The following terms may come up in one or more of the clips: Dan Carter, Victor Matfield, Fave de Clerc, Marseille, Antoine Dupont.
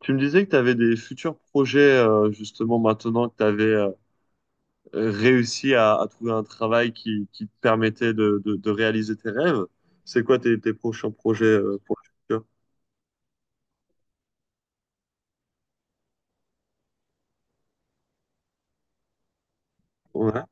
Tu me disais que tu avais des futurs projets, justement, maintenant que tu avais réussi à trouver un travail qui te permettait de réaliser tes rêves. C'est quoi tes prochains projets, pour le futur? Ouais,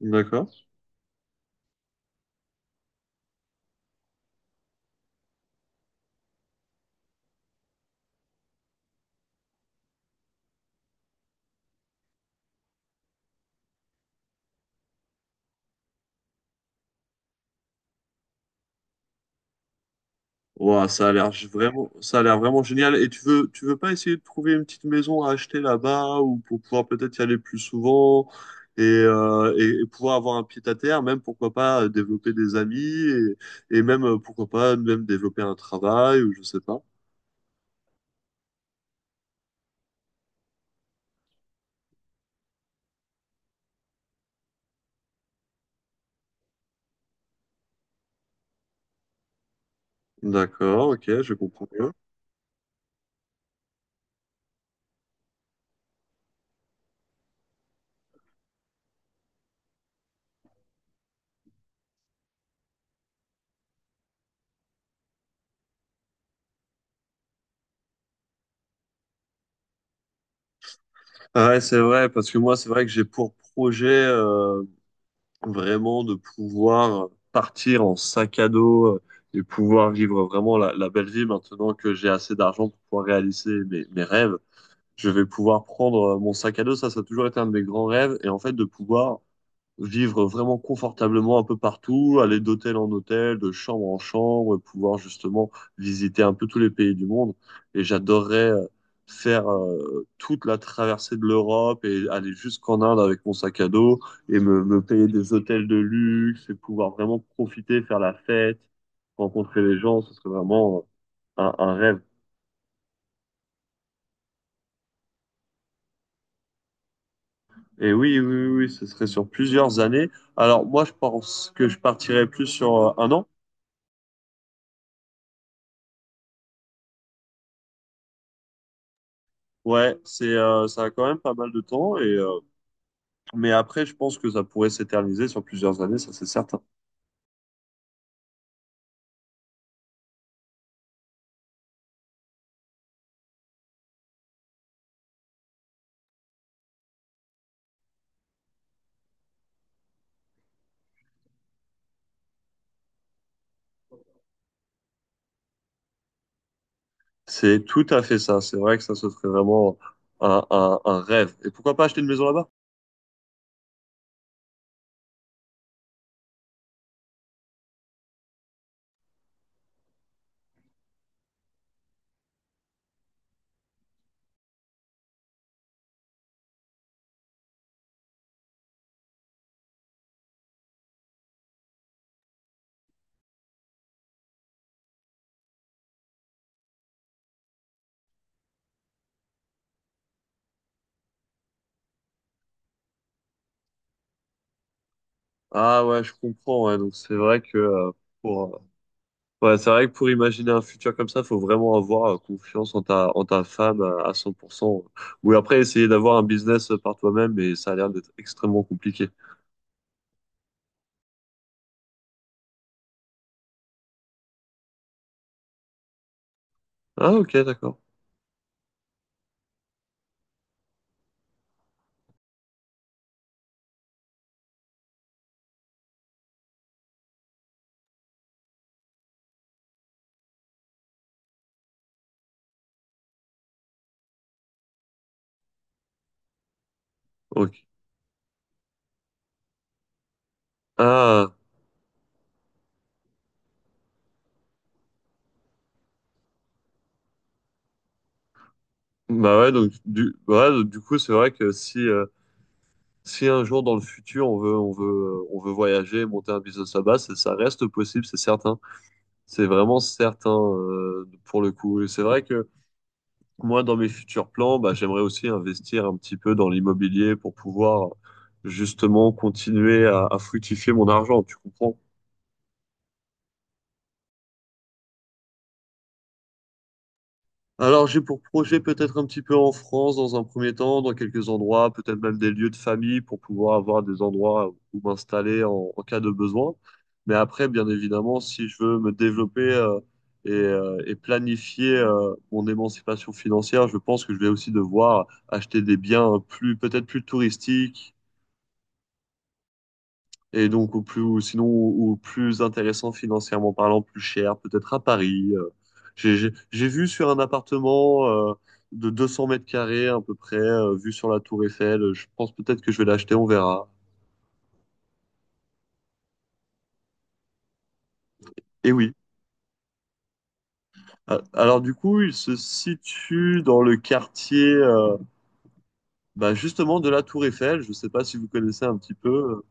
d'accord. Ouah, ça a l'air vraiment, ça a l'air vraiment génial. Et tu veux pas essayer de trouver une petite maison à acheter là-bas ou pour pouvoir peut-être y aller plus souvent et pouvoir avoir un pied à terre, même pourquoi pas développer des amis et même pourquoi pas même développer un travail ou je sais pas. D'accord, ok, je comprends mieux. Ah ouais, c'est vrai, parce que moi, c'est vrai que j'ai pour projet vraiment de pouvoir partir en sac à dos et pouvoir vivre vraiment la belle vie maintenant que j'ai assez d'argent pour pouvoir réaliser mes rêves. Je vais pouvoir prendre mon sac à dos, ça a toujours été un de mes grands rêves, et en fait, de pouvoir vivre vraiment confortablement un peu partout, aller d'hôtel en hôtel, de chambre en chambre, pouvoir justement visiter un peu tous les pays du monde. Et j'adorerais faire toute la traversée de l'Europe et aller jusqu'en Inde avec mon sac à dos et me payer des hôtels de luxe et pouvoir vraiment profiter, faire la fête, rencontrer les gens, ce serait vraiment un rêve. Et oui, ce serait sur plusieurs années. Alors moi, je pense que je partirais plus sur un an. Ouais, c'est ça a quand même pas mal de temps et mais après je pense que ça pourrait s'éterniser sur plusieurs années, ça c'est certain. C'est tout à fait ça. C'est vrai que ça se ferait vraiment un rêve. Et pourquoi pas acheter une maison là-bas? Ah ouais, je comprends. Ouais. Donc c'est vrai que pour ouais, c'est vrai que pour imaginer un futur comme ça, faut vraiment avoir confiance en ta femme à 100%. Ou après essayer d'avoir un business par toi-même, mais ça a l'air d'être extrêmement compliqué. Ah ok, d'accord. Ok. Ah. Bah ouais, ouais, donc, du coup, c'est vrai que si, si un jour dans le futur on veut voyager, monter un business là-bas, ça reste possible, c'est certain. C'est vraiment certain pour le coup. Et c'est vrai que moi, dans mes futurs plans, bah, j'aimerais aussi investir un petit peu dans l'immobilier pour pouvoir justement continuer à fructifier mon argent, tu comprends? Alors, j'ai pour projet peut-être un petit peu en France dans un premier temps, dans quelques endroits, peut-être même des lieux de famille pour pouvoir avoir des endroits où m'installer en cas de besoin. Mais après, bien évidemment, si je veux me développer et planifier mon émancipation financière, je pense que je vais aussi devoir acheter des biens plus, peut-être plus touristiques et donc, au plus, ou sinon, au plus intéressant financièrement parlant, plus cher, peut-être à Paris. J'ai vu sur un appartement de 200 mètres carrés à peu près, vu sur la tour Eiffel. Je pense peut-être que je vais l'acheter, on verra. Et oui. Ah, alors du coup, il se situe dans le quartier bah, justement de la tour Eiffel. Je ne sais pas si vous connaissez un petit peu.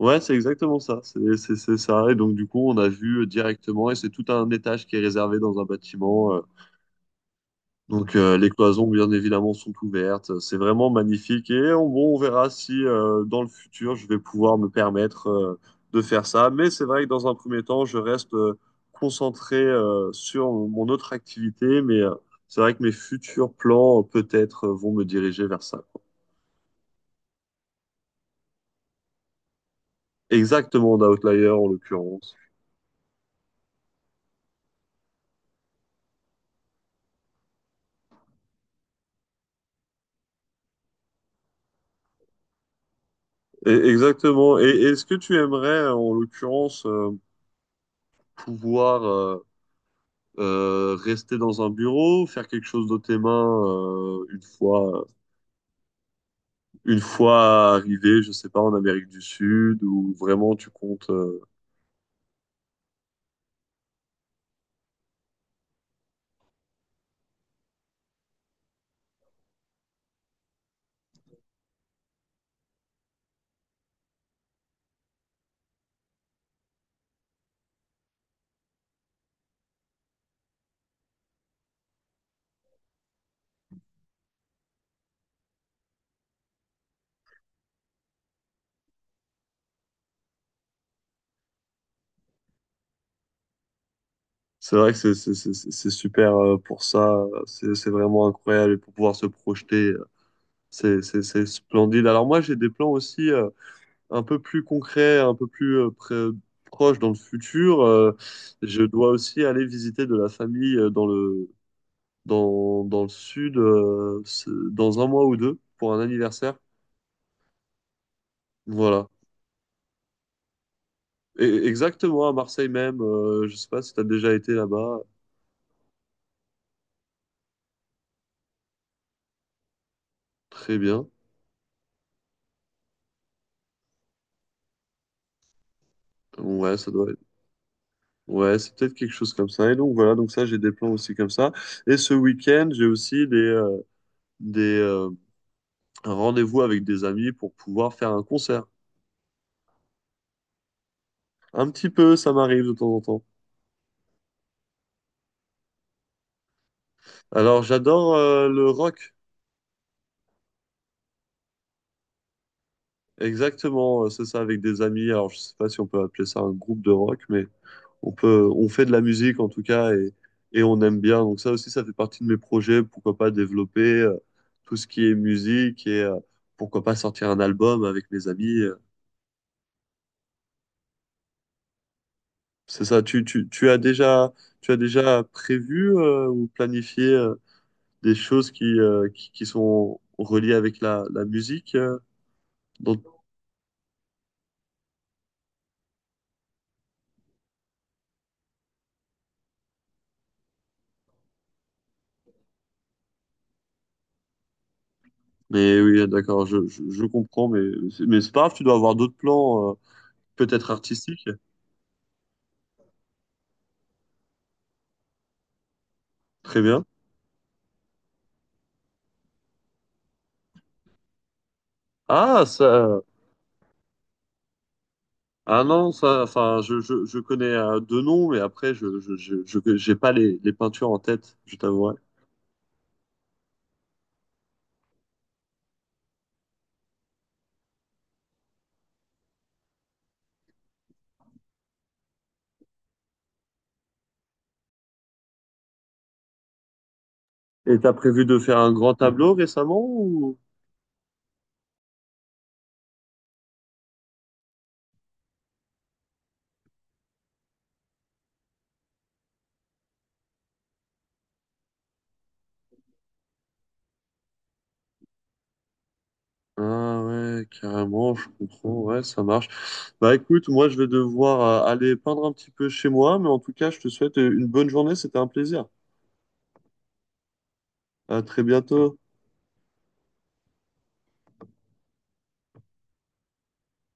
Ouais, c'est exactement ça. C'est ça. Et donc du coup, on a vu directement, et c'est tout un étage qui est réservé dans un bâtiment. Donc les cloisons, bien évidemment, sont ouvertes. C'est vraiment magnifique. Et on, bon, on verra si dans le futur, je vais pouvoir me permettre de faire ça. Mais c'est vrai que dans un premier temps, je reste concentré sur mon autre activité. Mais c'est vrai que mes futurs plans, vont me diriger vers ça. Exactement, d'Outlier en l'occurrence. Et exactement. Et est-ce que tu aimerais, en l'occurrence, pouvoir... euh, rester dans un bureau, faire quelque chose de tes mains une fois arrivé, je sais pas, en Amérique du Sud, ou vraiment tu comptes. C'est vrai que c'est super pour ça, c'est vraiment incroyable et pour pouvoir se projeter, c'est splendide. Alors moi j'ai des plans aussi un peu plus concrets, un peu plus proches dans le futur. Je dois aussi aller visiter de la famille dans le dans le sud dans un mois ou deux pour un anniversaire. Voilà. Et, exactement, à Marseille même. Je sais pas si tu as déjà été là-bas. Très bien. Ouais, ça doit être. Ouais, c'est peut-être quelque chose comme ça. Et donc voilà, donc ça, j'ai des plans aussi comme ça. Et ce week-end, j'ai aussi des un rendez-vous avec des amis pour pouvoir faire un concert. Un petit peu, ça m'arrive de temps en temps. Alors, j'adore le rock. Exactement, c'est ça, avec des amis. Alors, je sais pas si on peut appeler ça un groupe de rock, mais on peut, on fait de la musique en tout cas et on aime bien. Donc ça aussi, ça fait partie de mes projets. Pourquoi pas développer tout ce qui est musique et pourquoi pas sortir un album avec mes amis. C'est ça. Tu as déjà prévu ou planifié des choses qui sont reliées avec la musique. dans- Mais oui, d'accord, je comprends. Mais c'est pas grave, tu dois avoir d'autres plans, peut-être artistiques. Très bien. Ah, ça. Ah non, ça, enfin, je connais deux noms, mais après, j'ai pas les, les peintures en tête, je t'avouerai. Et t'as prévu de faire un grand tableau récemment ou? Ah ouais, carrément, je comprends, ouais, ça marche. Bah écoute, moi je vais devoir aller peindre un petit peu chez moi, mais en tout cas, je te souhaite une bonne journée, c'était un plaisir. À très bientôt.